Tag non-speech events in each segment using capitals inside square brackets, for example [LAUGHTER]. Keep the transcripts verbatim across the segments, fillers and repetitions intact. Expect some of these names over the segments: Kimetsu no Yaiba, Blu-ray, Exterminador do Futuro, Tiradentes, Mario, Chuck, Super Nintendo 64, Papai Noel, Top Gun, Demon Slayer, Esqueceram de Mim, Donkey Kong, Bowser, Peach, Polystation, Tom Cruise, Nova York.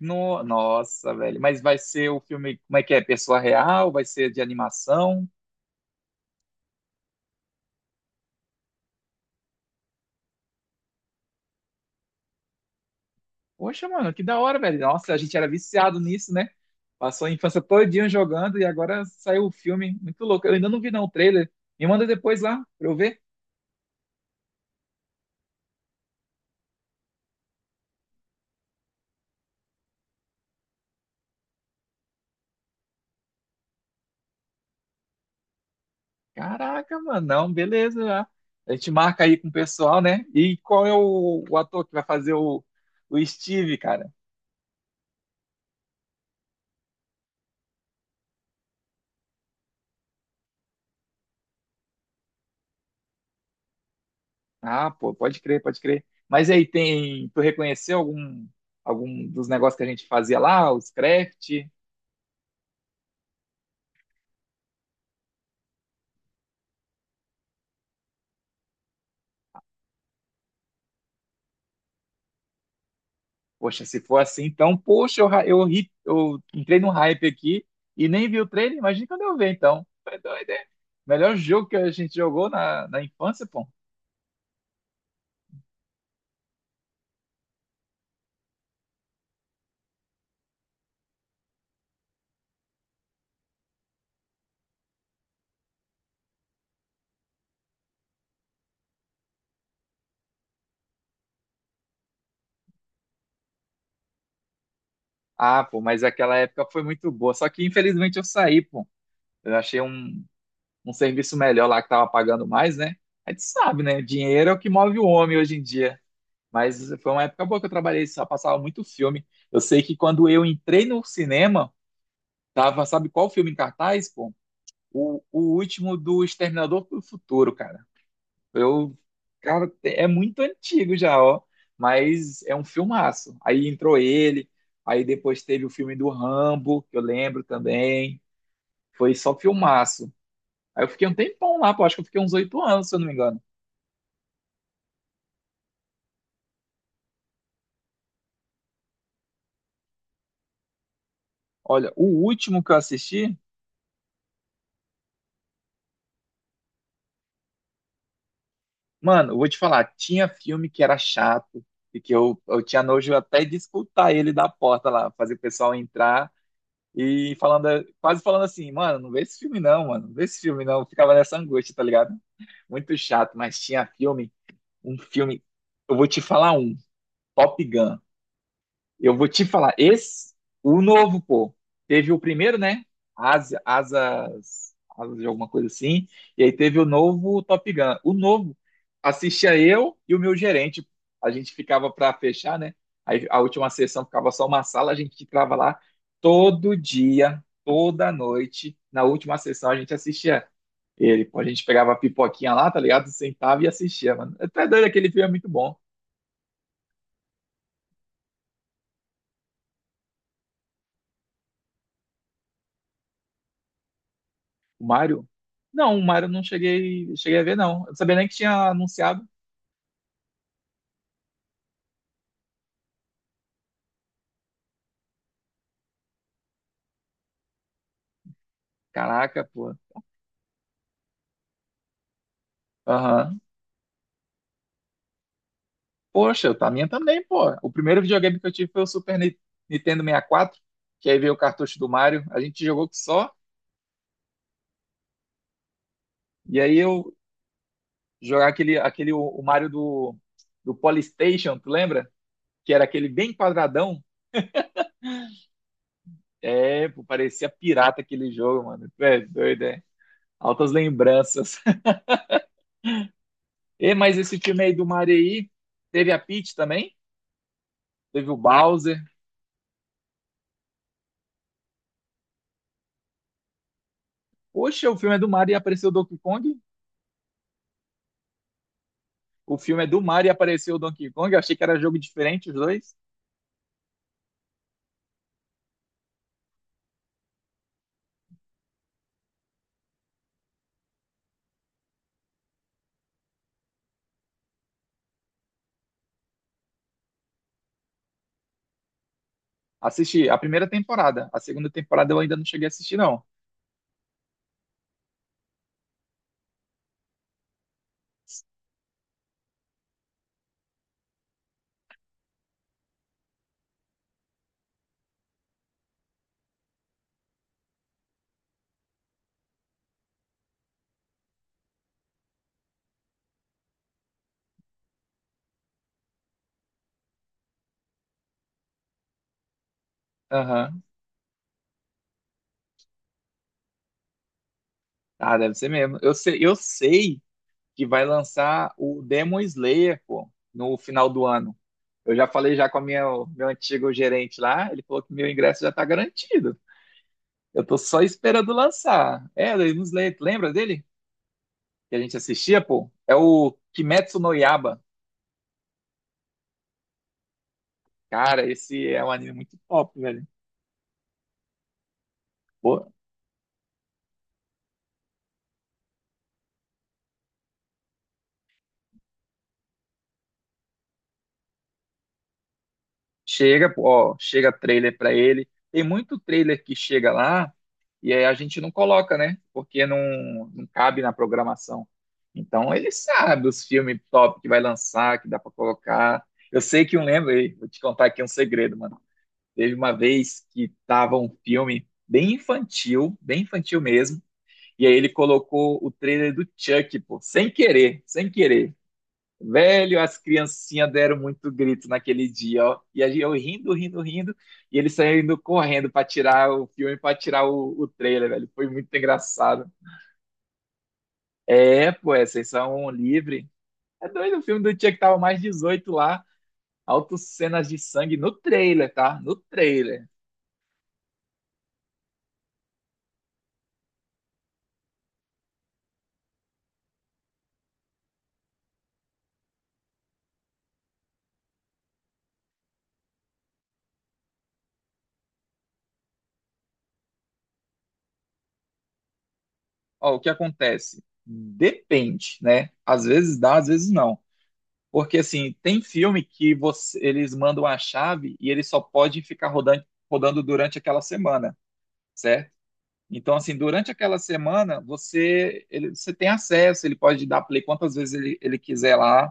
No- nossa, velho. Mas vai ser o filme, como é que é? Pessoa real? Vai ser de animação? Poxa, mano, que da hora, velho. Nossa, a gente era viciado nisso, né? Passou a infância todinha jogando e agora saiu o filme. Muito louco. Eu ainda não vi, não, o trailer. Me manda depois lá pra eu ver. Caraca, mano. Não, beleza. Já. A gente marca aí com o pessoal, né? E qual é o, o ator que vai fazer o, o Steve, cara? Ah, pô, pode crer, pode crer. Mas e aí tem, tu reconheceu algum algum dos negócios que a gente fazia lá, os craft? Poxa, se for assim, então, poxa, eu, ra- eu, ri- eu entrei num hype aqui e nem vi o trailer, imagina quando eu ver, então. Foi doido, hein? Melhor jogo que a gente jogou na, na infância, pô. Ah, pô, mas aquela época foi muito boa. Só que infelizmente eu saí, pô. Eu achei um, um serviço melhor lá que tava pagando mais, né? A gente sabe, né? Dinheiro é o que move o homem hoje em dia. Mas foi uma época boa que eu trabalhei, só passava muito filme. Eu sei que quando eu entrei no cinema, tava, sabe qual filme em cartaz, pô? O, o último do Exterminador do Futuro, cara. Eu, Cara, é muito antigo já, ó, mas é um filmaço. Aí entrou ele, aí depois teve o filme do Rambo, que eu lembro também. Foi só filmaço. Aí eu fiquei um tempão lá, pô, acho que eu fiquei uns oito anos, se eu não me engano. Olha, o último que eu assisti. Mano, eu vou te falar, tinha filme que era chato e que eu, eu tinha nojo até de escutar ele da porta lá, fazer o pessoal entrar e falando, quase falando assim, mano, não vê esse filme não, mano, não vê esse filme não. Eu ficava nessa angústia, tá ligado? Muito chato, mas tinha filme, um filme, eu vou te falar um, Top Gun. Eu vou te falar, esse, o novo, pô, teve o primeiro, né? Asa- asas, asas de alguma coisa assim. E aí teve o novo Top Gun. O novo, assistia eu e o meu gerente. A gente ficava pra fechar, né? Aí a última sessão ficava só uma sala, a gente ficava lá todo dia, toda noite. Na última sessão a gente assistia ele, pô. A gente pegava a pipoquinha lá, tá ligado? Sentava e assistia, mano. Até doido, aquele filme é muito bom. O Mario? Não, o Mario eu não cheguei, cheguei a ver, não. Eu não sabia nem que tinha anunciado. Caraca, pô. Aham. Poxa, tá a minha também, pô. O primeiro videogame que eu tive foi o Super Ni- Nintendo sessenta e quatro, que aí veio o cartucho do Mario. A gente jogou que só. E aí eu jogar aquele, aquele o, o Mario do, do Polystation, tu lembra? Que era aquele bem quadradão. É, pô, parecia pirata aquele jogo, mano. Tu é doido, é. Altas lembranças. [LAUGHS] E, mas esse time aí do Mario aí, teve a Peach também? Teve o Bowser. Poxa, o filme é do Mario e apareceu o Donkey Kong? O filme é do Mario e apareceu o Donkey Kong? Eu achei que era jogo diferente, os dois. Assisti a primeira temporada. A segunda temporada eu ainda não cheguei a assistir, não. Aham. Ah, deve ser mesmo. Eu sei, eu sei que vai lançar o Demon Slayer, pô, no final do ano. Eu já falei já com a minha, meu antigo gerente lá, ele falou que meu ingresso já tá garantido. Eu tô só esperando lançar. É, Demon Slayer, tu lembra dele? Que a gente assistia, pô? É o Kimetsu no Yaiba. Cara, esse é um anime muito top, velho. Pô, chega, pô, ó, chega trailer pra ele. Tem muito trailer que chega lá e aí a gente não coloca, né? Porque não, não cabe na programação. Então ele sabe os filmes top que vai lançar, que dá pra colocar. Eu sei que um lembro, aí, vou te contar aqui um segredo, mano. Teve uma vez que tava um filme bem infantil, bem infantil mesmo, e aí ele colocou o trailer do Chuck, pô, sem querer, sem querer. Velho, as criancinhas deram muito grito naquele dia, ó. E aí eu rindo, rindo, rindo, e eles saindo correndo pra tirar o filme, pra tirar o, o trailer, velho. Foi muito engraçado. É, pô, é sessão livre. É doido, o filme do Tia que tava mais dezoito lá, altas cenas de sangue no trailer, tá? No trailer. Ó, o que acontece? Depende, né? Às vezes dá, às vezes não. Porque assim, tem filme que você- eles mandam a chave e ele só pode ficar rodando, rodando durante aquela semana. Certo? Então, assim, durante aquela semana, você, ele, você tem acesso, ele pode dar play quantas vezes ele, ele quiser lá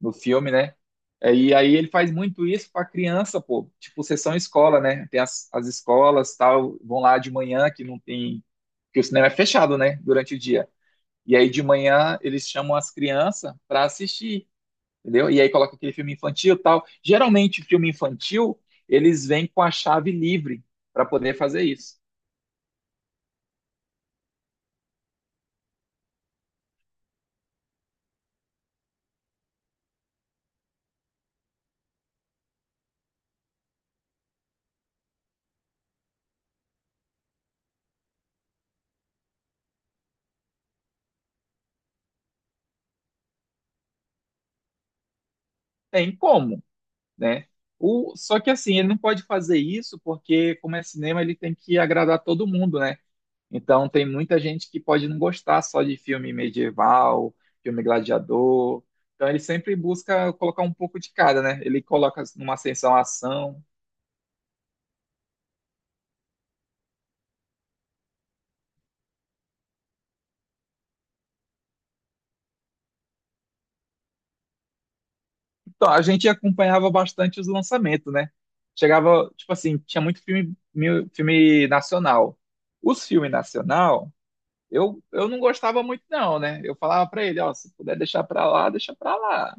no filme, né? É, e aí ele faz muito isso para criança, pô. Tipo, sessão escola, né? Tem as, as escolas, tal, vão lá de manhã que não tem, que o cinema é fechado, né? Durante o dia. E aí de manhã eles chamam as crianças para assistir, entendeu? E aí coloca aquele filme infantil, tal. Geralmente filme infantil eles vêm com a chave livre para poder fazer isso. Tem como, né? O, só que assim, ele não pode fazer isso porque, como é cinema, ele tem que agradar todo mundo, né? Então tem muita gente que pode não gostar só de filme medieval, filme gladiador. Então ele sempre busca colocar um pouco de cada, né? Ele coloca numa ascensão a ação. Então a gente acompanhava bastante os lançamentos, né? Chegava, tipo assim, tinha muito filme, mil- filme nacional. Os filmes nacional, eu, eu não gostava muito não, né? Eu falava pra ele, ó, se puder deixar pra lá, deixa pra lá.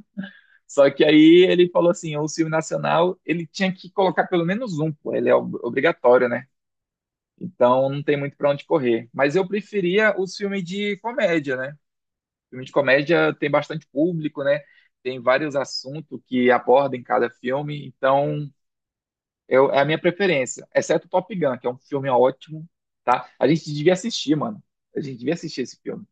Só que aí ele falou assim, o filme nacional, ele tinha que colocar pelo menos um, pô, ele é ob- obrigatório, né? Então não tem muito pra onde correr. Mas eu preferia os filmes de comédia, né? Filme de comédia tem bastante público, né? Tem vários assuntos que aborda em cada filme, então eu, é a minha preferência, exceto Top Gun, que é um filme ótimo, tá? A gente devia assistir, mano. A gente devia assistir esse filme.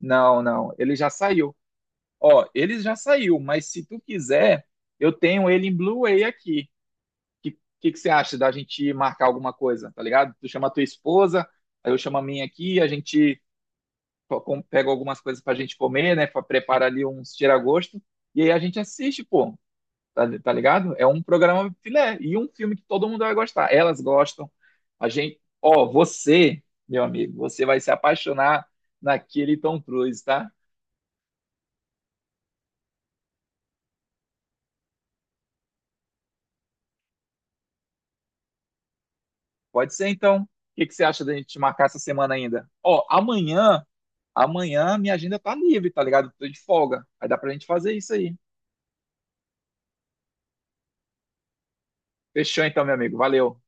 Não, não, ele já saiu. Ó, ele já saiu, mas se tu quiser, eu tenho ele em Blu-ray aqui. que, que, que você acha da gente marcar alguma coisa, tá ligado? Tu chama a tua esposa, aí eu chamo a minha aqui, a gente co- com- pega algumas coisas pra gente comer, né? pra- Prepara ali uns tira-gosto, e aí a gente assiste, pô, tá, tá ligado? É um programa filé, e um filme que todo mundo vai gostar. Elas gostam, a gente. Ó, você, meu amigo, você vai se apaixonar naquele Tom Cruise, tá? Pode ser então. O que que você acha da gente marcar essa semana ainda? Ó, amanhã, amanhã minha agenda tá livre, tá ligado? Tô de folga. Aí dá pra gente fazer isso aí. Fechou então, meu amigo. Valeu.